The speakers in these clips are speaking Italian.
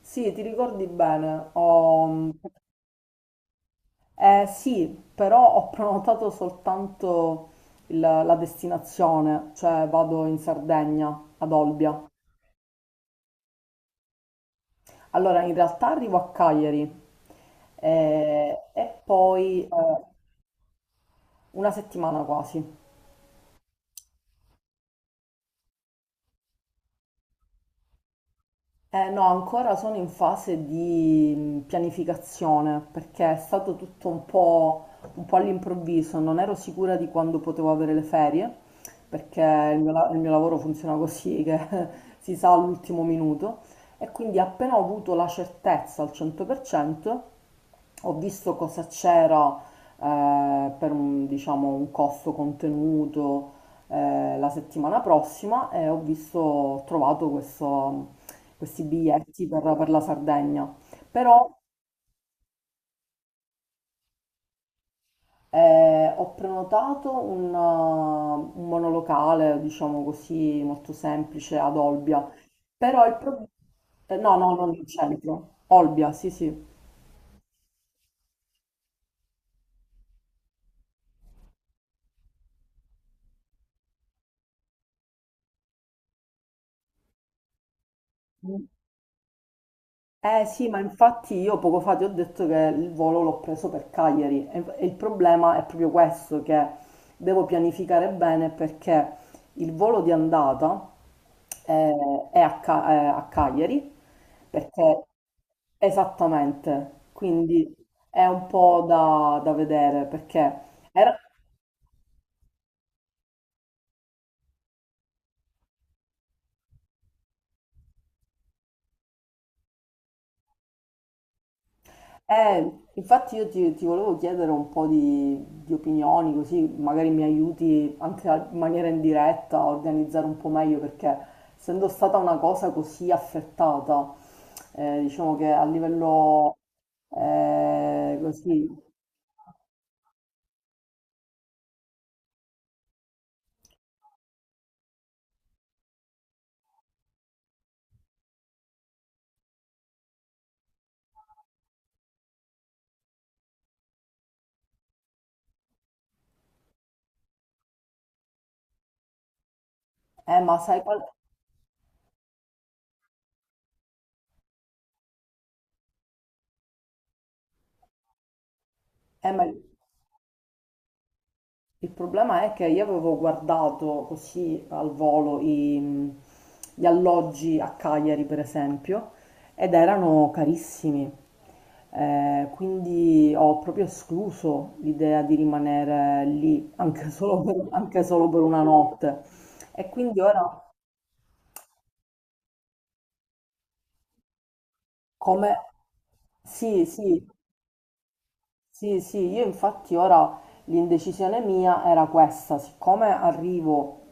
Sì, ti ricordi bene. Eh, sì, però ho prenotato soltanto la destinazione, cioè vado in Sardegna, ad Olbia. Allora, in realtà arrivo a Cagliari e poi una settimana quasi. No, ancora sono in fase di pianificazione perché è stato tutto un po' all'improvviso, non ero sicura di quando potevo avere le ferie perché il mio, il mio lavoro funziona così che si sa all'ultimo minuto e quindi appena ho avuto la certezza al 100% ho visto cosa c'era per un, diciamo, un costo contenuto, la settimana prossima e ho visto, ho trovato questi biglietti per, la Sardegna. Però ho prenotato un monolocale, diciamo così, molto semplice ad Olbia. Però il problema. No, no, non il centro. Olbia, sì, sì. Eh sì, ma infatti io poco fa ti ho detto che il volo l'ho preso per Cagliari e il problema è proprio questo, che devo pianificare bene perché il volo di andata è a Cagliari, perché esattamente, quindi è un po' da vedere perché era. Eh, infatti io ti volevo chiedere un po' di opinioni, così magari mi aiuti anche in maniera indiretta a organizzare un po' meglio, perché essendo stata una cosa così affrettata, diciamo che a livello così. Ma sai qual è? Il problema è che io avevo guardato così al volo gli alloggi a Cagliari, per esempio, ed erano carissimi. Quindi ho proprio escluso l'idea di rimanere lì anche solo per, anche solo per una notte. E quindi ora come. Sì, sì, sì, sì, io infatti ora l'indecisione mia era questa, siccome arrivo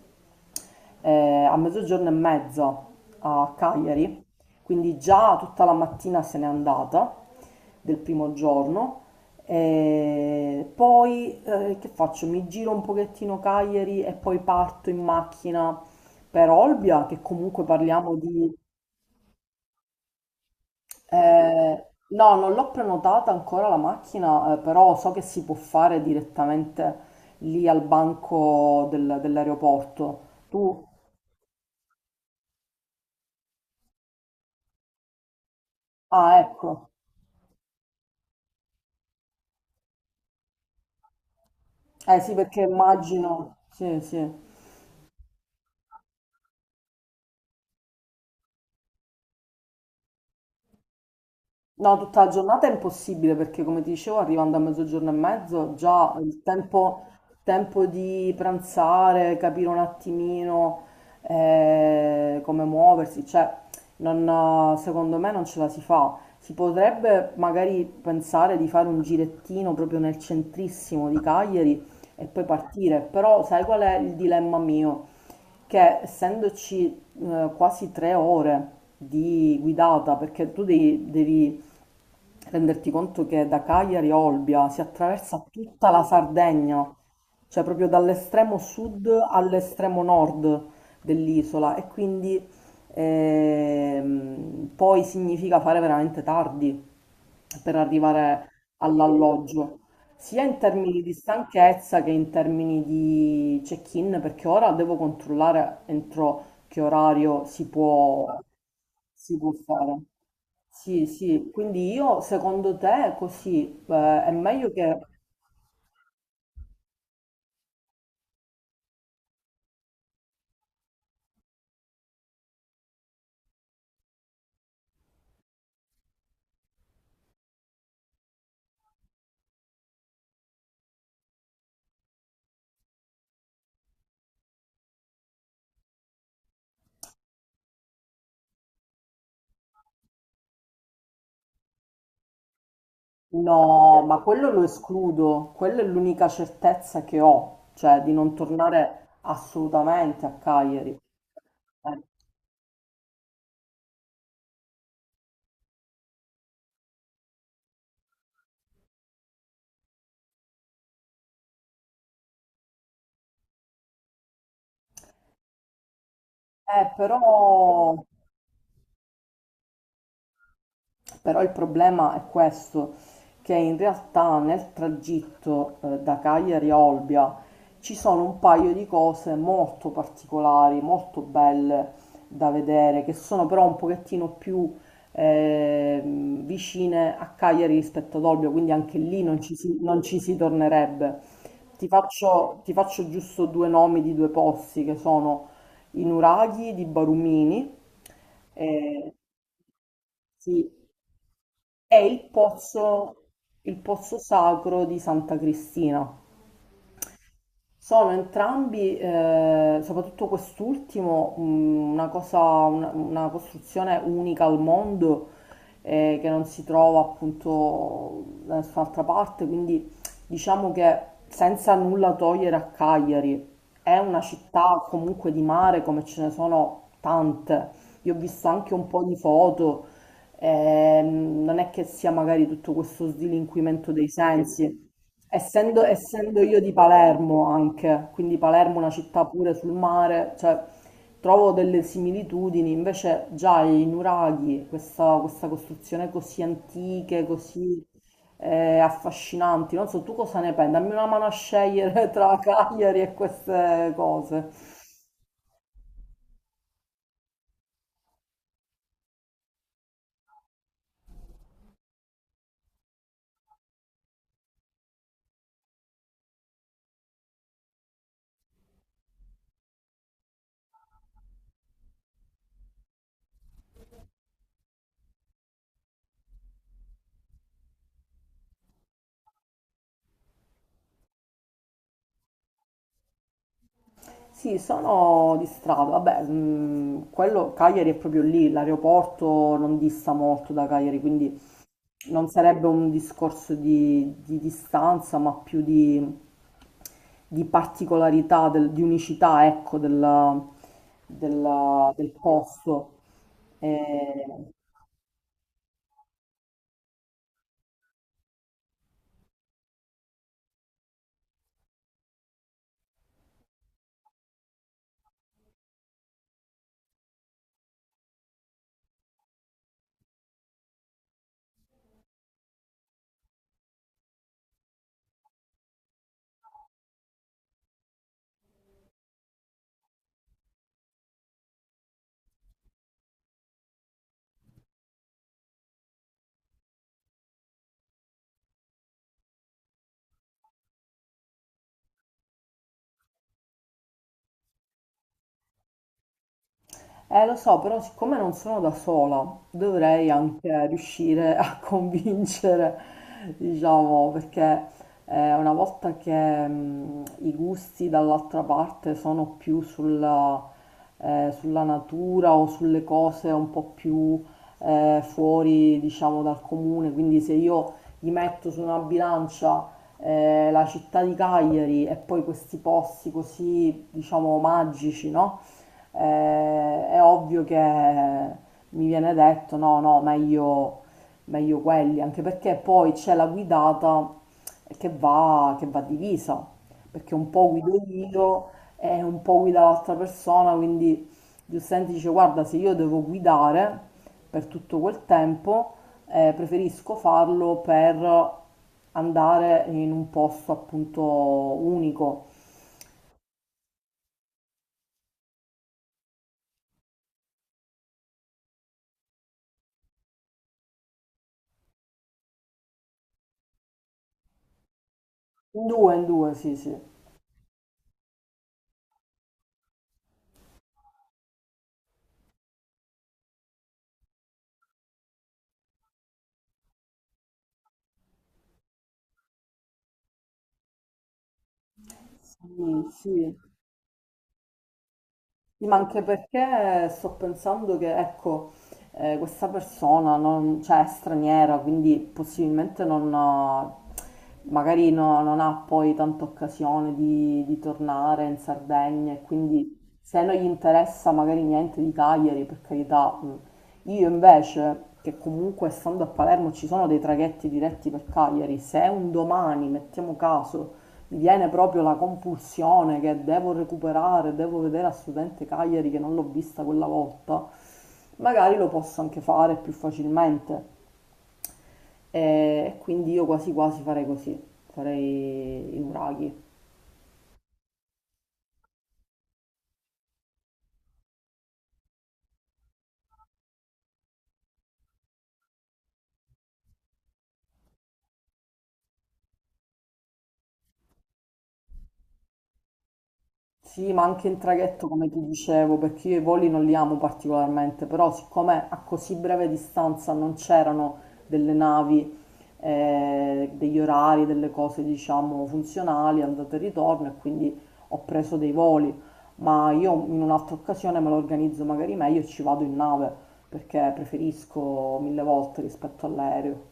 a mezzogiorno e mezza a Cagliari, quindi già tutta la mattina se n'è andata del primo giorno, e poi che faccio? Mi giro un pochettino Cagliari e poi parto in macchina per Olbia, che comunque parliamo di. No, non l'ho prenotata ancora la macchina, però so che si può fare direttamente lì al banco dell'aeroporto. Tu? Ah, ecco. Eh sì, perché immagino. Sì, sì. No, tutta la giornata è impossibile perché, come ti dicevo, arrivando a mezzogiorno e mezzo, già tempo di pranzare, capire un attimino come muoversi, cioè, secondo me non ce la si fa. Si potrebbe magari pensare di fare un girettino proprio nel centrissimo di Cagliari e poi partire, però sai qual è il dilemma mio? Che essendoci quasi 3 ore di guidata, perché tu devi renderti conto che da Cagliari a Olbia si attraversa tutta la Sardegna, cioè proprio dall'estremo sud all'estremo nord dell'isola e quindi poi significa fare veramente tardi per arrivare all'alloggio, sia in termini di stanchezza che in termini di check-in, perché ora devo controllare entro che orario si può fare. Sì, sì, quindi io secondo te così è meglio che. No, ma quello lo escludo, quella è l'unica certezza che ho, cioè di non tornare assolutamente a Cagliari. Eh, eh, però Però il problema è questo, che in realtà nel tragitto da Cagliari a Olbia ci sono un paio di cose molto particolari, molto belle da vedere, che sono però un pochettino più eh, vicine a Cagliari rispetto ad Olbia, quindi anche lì non ci si tornerebbe. Ti faccio giusto due nomi di due posti che sono i nuraghi di Barumini. Eh, sì, è il pozzo sacro di Santa Cristina. Sono entrambi, soprattutto quest'ultimo, una costruzione unica al mondo che non si trova appunto da nessun'altra parte, quindi diciamo che senza nulla togliere a Cagliari, è una città comunque di mare come ce ne sono tante. Io ho visto anche un po' di foto, non è che sia magari tutto questo slinquimento dei sensi. Essendo io di Palermo anche, quindi Palermo è una città pure sul mare, cioè trovo delle similitudini, invece già i nuraghi, questa costruzione così antiche, così affascinanti, non so tu cosa ne pensi, dammi una mano a scegliere tra Cagliari e queste cose. Sì, sono di strada, vabbè, quello Cagliari è proprio lì, l'aeroporto non dista molto da Cagliari, quindi non sarebbe un discorso di distanza, ma più di particolarità, di unicità, ecco, del posto. Eh, lo so, però siccome non sono da sola, dovrei anche riuscire a convincere, diciamo, perché una volta che i gusti dall'altra parte sono più sulla natura o sulle cose un po' più fuori, diciamo, dal comune, quindi se io gli metto su una bilancia la città di Cagliari e poi questi posti così, diciamo, magici, no? È ovvio che mi viene detto no, no, meglio quelli, anche perché poi c'è la guidata che va divisa, perché un po' guido io e un po' guida l'altra persona, quindi giustamente dice guarda, se io devo guidare per tutto quel tempo, preferisco farlo per andare in un posto appunto unico. In due, sì, sì. Sì, sì. Ma anche perché sto pensando che, ecco, questa persona non, cioè, è straniera, quindi possibilmente non, ha- magari non ha poi tanta occasione di tornare in Sardegna e quindi se non gli interessa magari niente di Cagliari, per carità. Mh. Io invece, che comunque stando a Palermo ci sono dei traghetti diretti per Cagliari, se un domani, mettiamo caso, mi viene proprio la compulsione che devo recuperare, devo vedere a studente Cagliari che non l'ho vista quella volta, magari lo posso anche fare più facilmente. E quindi io quasi quasi farei così, farei i nuraghi. Sì, ma anche in traghetto, come ti dicevo, perché io i voli non li amo particolarmente, però siccome a così breve distanza non c'erano delle navi, degli orari, delle cose, diciamo, funzionali, andata e ritorno, e quindi ho preso dei voli, ma io in un'altra occasione me lo organizzo magari meglio e ci vado in nave, perché preferisco mille volte rispetto all'aereo.